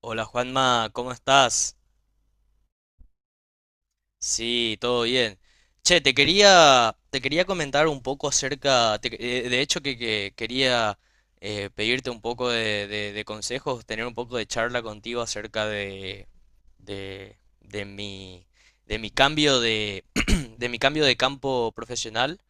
Hola Juanma, ¿cómo estás? Sí, todo bien. Che, te quería comentar un poco acerca, te que- de hecho que quería pedirte un poco de consejos, tener un poco de charla contigo acerca de mi, de mi cambio de, de mi cambio de campo profesional.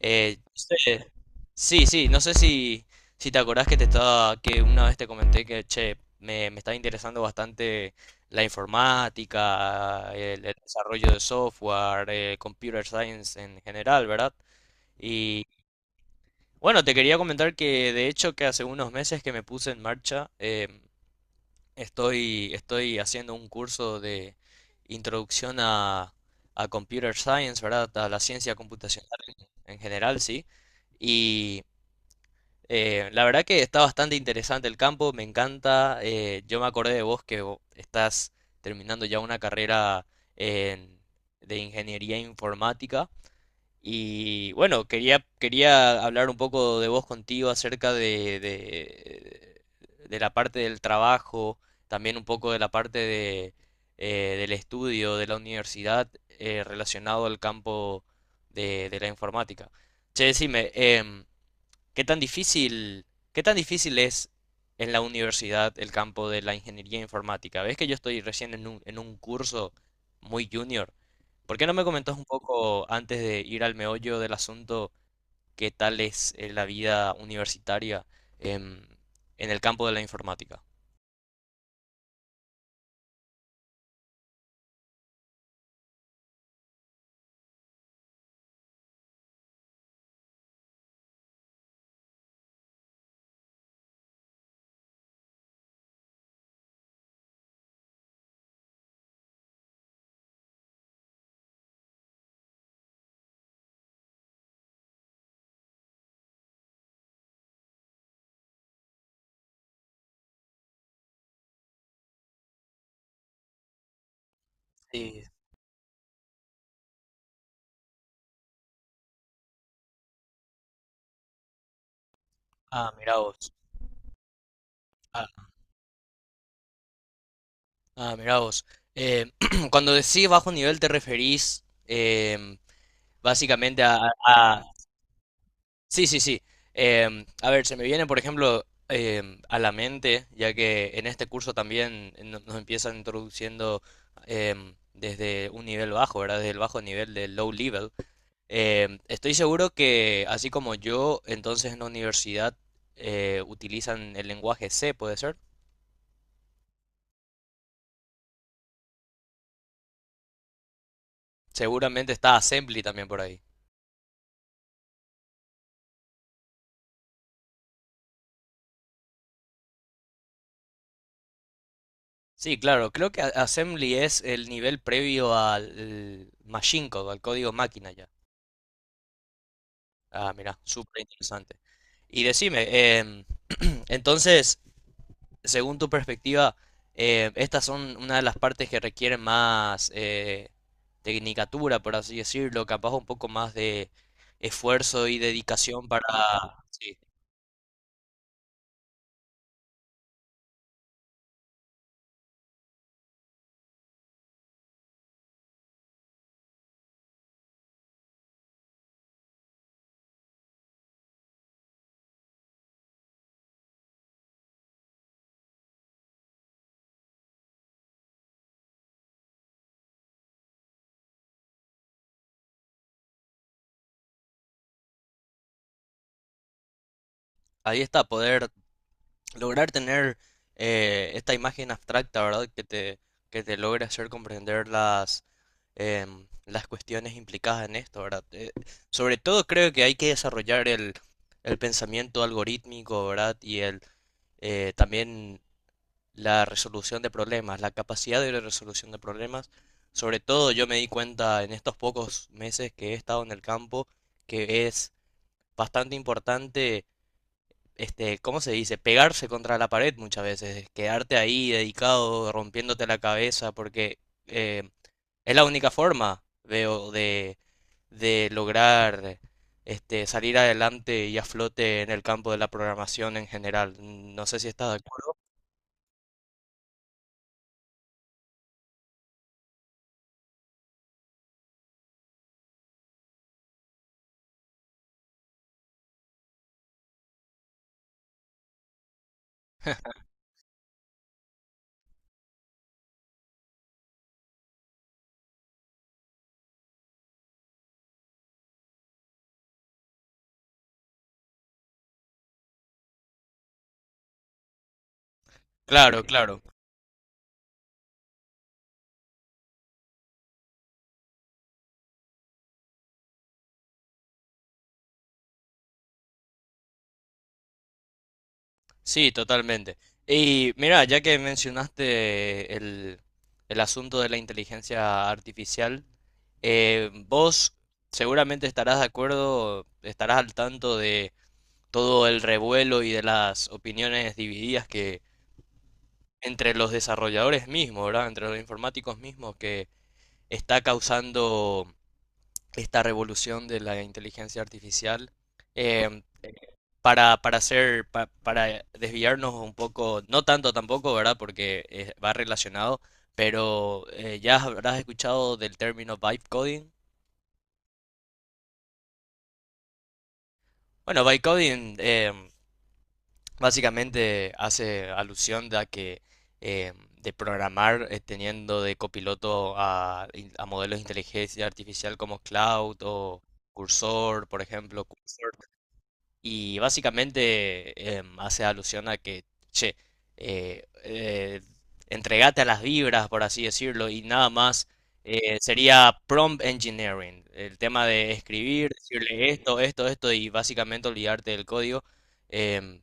Eh, este- sí, sí, no sé si, si te acordás que te estaba, que una vez te comenté que, che, me estaba interesando bastante la informática, el desarrollo de software, computer science en general, ¿verdad? Y bueno, te quería comentar que de hecho que hace unos meses que me puse en marcha. Estoy haciendo un curso de introducción a Computer Science, ¿verdad? A la ciencia computacional en general, sí. Y la verdad que está bastante interesante el campo, me encanta. Yo me acordé de vos que estás terminando ya una carrera en- de ingeniería informática. Y bueno, quería hablar un poco de vos contigo acerca de la parte del trabajo, también un poco de la parte de, del estudio de la universidad relacionado al campo de la informática. Che, decime, ¿qué tan difícil es en la universidad el campo de la ingeniería informática? ¿Ves que yo estoy recién en en un curso muy junior? ¿Por qué no me comentas un poco, antes de ir al meollo del asunto, qué tal es la vida universitaria em, en el campo de la informática? Sí, ah, mirá vos. Ah, ah, mirá vos. Eh, cuando decís bajo nivel te referís básicamente a, a- sí, sí, sí. A ver, se me viene, por ejemplo, a la mente, ya que en este curso también nos empiezan introduciendo desde un nivel bajo, ¿verdad? Desde el bajo nivel del low level. Estoy seguro que, así como yo, entonces en la universidad utilizan el lenguaje C, ¿puede ser? Seguramente está Assembly también por ahí. Sí, claro, creo que Assembly es el nivel previo al Machine Code, al código máquina ya. Ah, mira, súper interesante. Y decime, em, entonces, según tu perspectiva, estas son una de las partes que requieren más tecnicatura, por así decirlo, capaz un poco más de esfuerzo y dedicación para, sí, ahí está, poder lograr tener esta imagen abstracta, ¿verdad? Que te logre hacer comprender las, las cuestiones implicadas en esto, ¿verdad? Sobre todo creo que hay que desarrollar el pensamiento algorítmico, ¿verdad? Y el, también la resolución de problemas, la capacidad de resolución de problemas. Sobre todo yo me di cuenta en estos pocos meses que he estado en el campo que es bastante importante, este, ¿cómo se dice? Pegarse contra la pared muchas veces, quedarte ahí dedicado, rompiéndote la cabeza, porque eh, es la única forma, veo, de lograr este, salir adelante y a flote en el campo de la programación en general. No sé si estás de acuerdo. Claro, claro. Sí, totalmente. Y mira, ya que mencionaste el asunto de la inteligencia artificial, vos seguramente estarás de acuerdo, estarás al tanto de todo el revuelo y de las opiniones divididas que entre los desarrolladores mismos, ¿verdad? Entre los informáticos mismos que está causando esta revolución de la inteligencia artificial. Em, para desviarnos un poco, no tanto tampoco, ¿verdad? Porque va relacionado, pero ya habrás escuchado del término vibe coding. Bueno, vibe coding básicamente hace alusión de a que eh, de programar teniendo de copiloto a modelos de inteligencia artificial como Cloud o Cursor, por ejemplo. Y básicamente hace alusión a que, che, eh, eh, entregate a las vibras, por así decirlo, y nada más sería prompt engineering, el tema de escribir, decirle esto, esto, esto, y básicamente olvidarte del código. Em,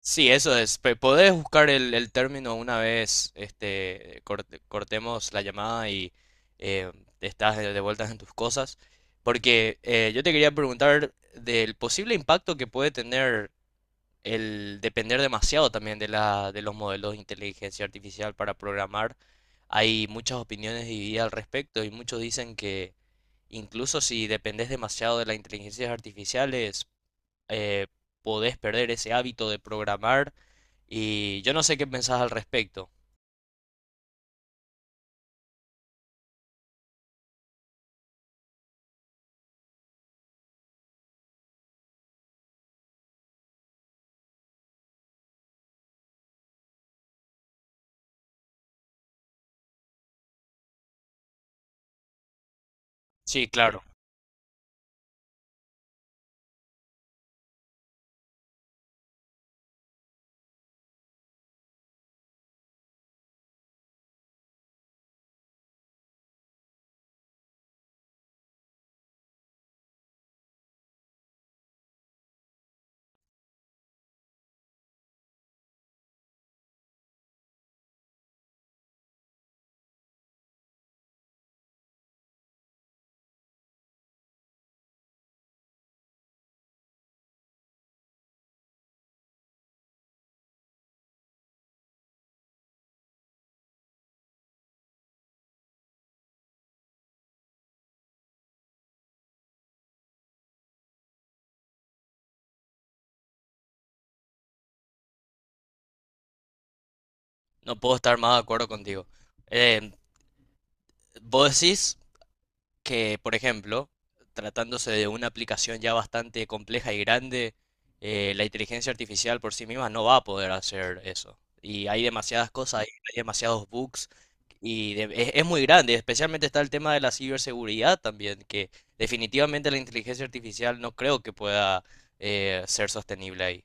Sí, eso es. Podés buscar el término una vez este, cortemos la llamada y eh, estás de vueltas en tus cosas. Porque yo te quería preguntar del posible impacto que puede tener el depender demasiado también de la, de los modelos de inteligencia artificial para programar. Hay muchas opiniones divididas al respecto y muchos dicen que incluso si dependes demasiado de las inteligencias artificiales, eh, podés perder ese hábito de programar y yo no sé qué pensás al respecto. Sí, claro, no puedo estar más de acuerdo contigo. Eh, vos decís que, por ejemplo, tratándose de una aplicación ya bastante compleja y grande, la inteligencia artificial por sí misma no va a poder hacer eso. Y hay demasiadas cosas, hay demasiados bugs. Es muy grande, especialmente está el tema de la ciberseguridad también, que definitivamente la inteligencia artificial no creo que pueda ser sostenible ahí.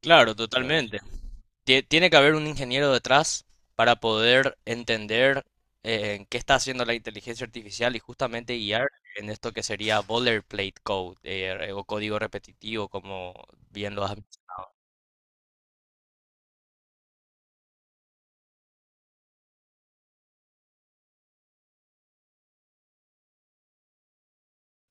Claro, claro, totalmente. Tiene que haber un ingeniero detrás para poder entender qué está haciendo la inteligencia artificial y justamente guiar en esto que sería boilerplate code o código repetitivo, como bien lo has.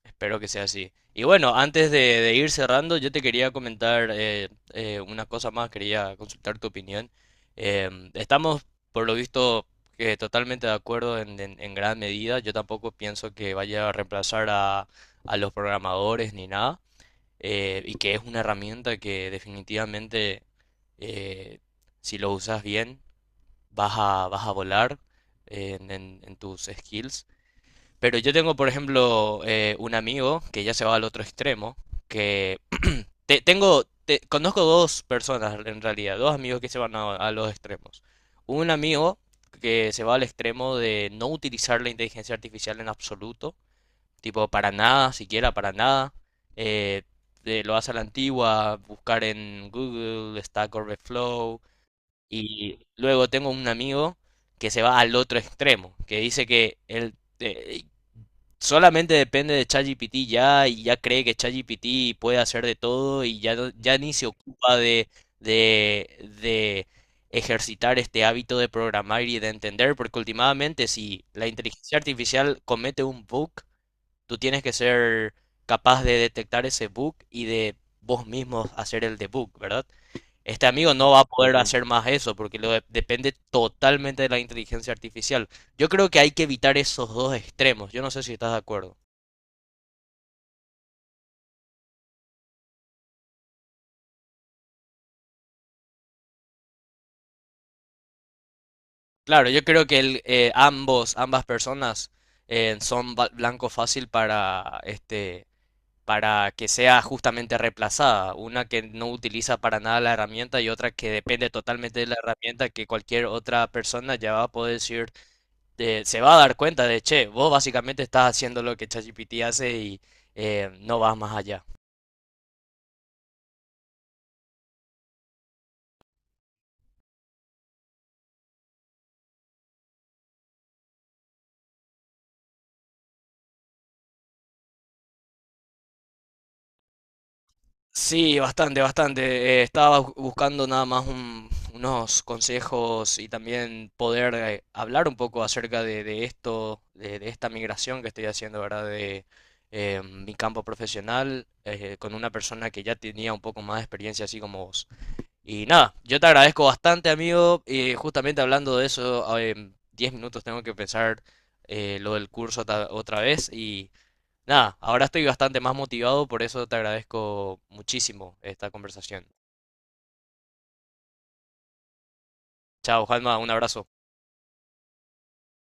Espero que sea así. Y bueno, antes de ir cerrando, yo te quería comentar una cosa más, quería consultar tu opinión. Estamos, por lo visto, totalmente de acuerdo en, en gran medida. Yo tampoco pienso que vaya a reemplazar a los programadores ni nada, y que es una herramienta que definitivamente, eh, si lo usas bien, vas a, vas a volar en en tus skills. Pero yo tengo, por ejemplo, un amigo que ya se va al otro extremo, que tengo, conozco dos personas en realidad, dos amigos que se van a los extremos. Un amigo que se va al extremo de no utilizar la inteligencia artificial en absoluto, tipo para nada, siquiera para nada. eh, lo hace a la antigua, buscar en Google, Stack Overflow. Y luego tengo un amigo que se va al otro extremo, que dice que él, eh, solamente depende de ChatGPT ya y ya cree que ChatGPT puede hacer de todo y ya, ya ni se ocupa de, de ejercitar este hábito de programar y de entender, porque últimamente si la inteligencia artificial comete un bug, tú tienes que ser capaz de detectar ese bug y de vos mismos hacer el debug, ¿verdad? Este amigo no va a poder Ujú. Hacer más eso porque depende totalmente de la inteligencia artificial. Yo creo que hay que evitar esos dos extremos. Yo no sé si estás de acuerdo. Claro, yo creo que el, ambas personas son blanco fácil para, este, para que sea justamente reemplazada. Una que no utiliza para nada la herramienta y otra que depende totalmente de la herramienta que cualquier otra persona ya va a poder decir, se va a dar cuenta de, che, vos básicamente estás haciendo lo que ChatGPT hace y no vas más allá. Sí, bastante, bastante. Estaba buscando nada más unos consejos y también poder hablar un poco acerca de esto, de esta migración que estoy haciendo, ¿verdad? De mi campo profesional con una persona que ya tenía un poco más de experiencia, así como vos. Y nada, yo te agradezco bastante, amigo. Y justamente hablando de eso, ah, en 10 minutos tengo que pensar lo del curso otra vez. Nada, ahora estoy bastante más motivado, por eso te agradezco muchísimo esta conversación. Chao, Juanma, un abrazo.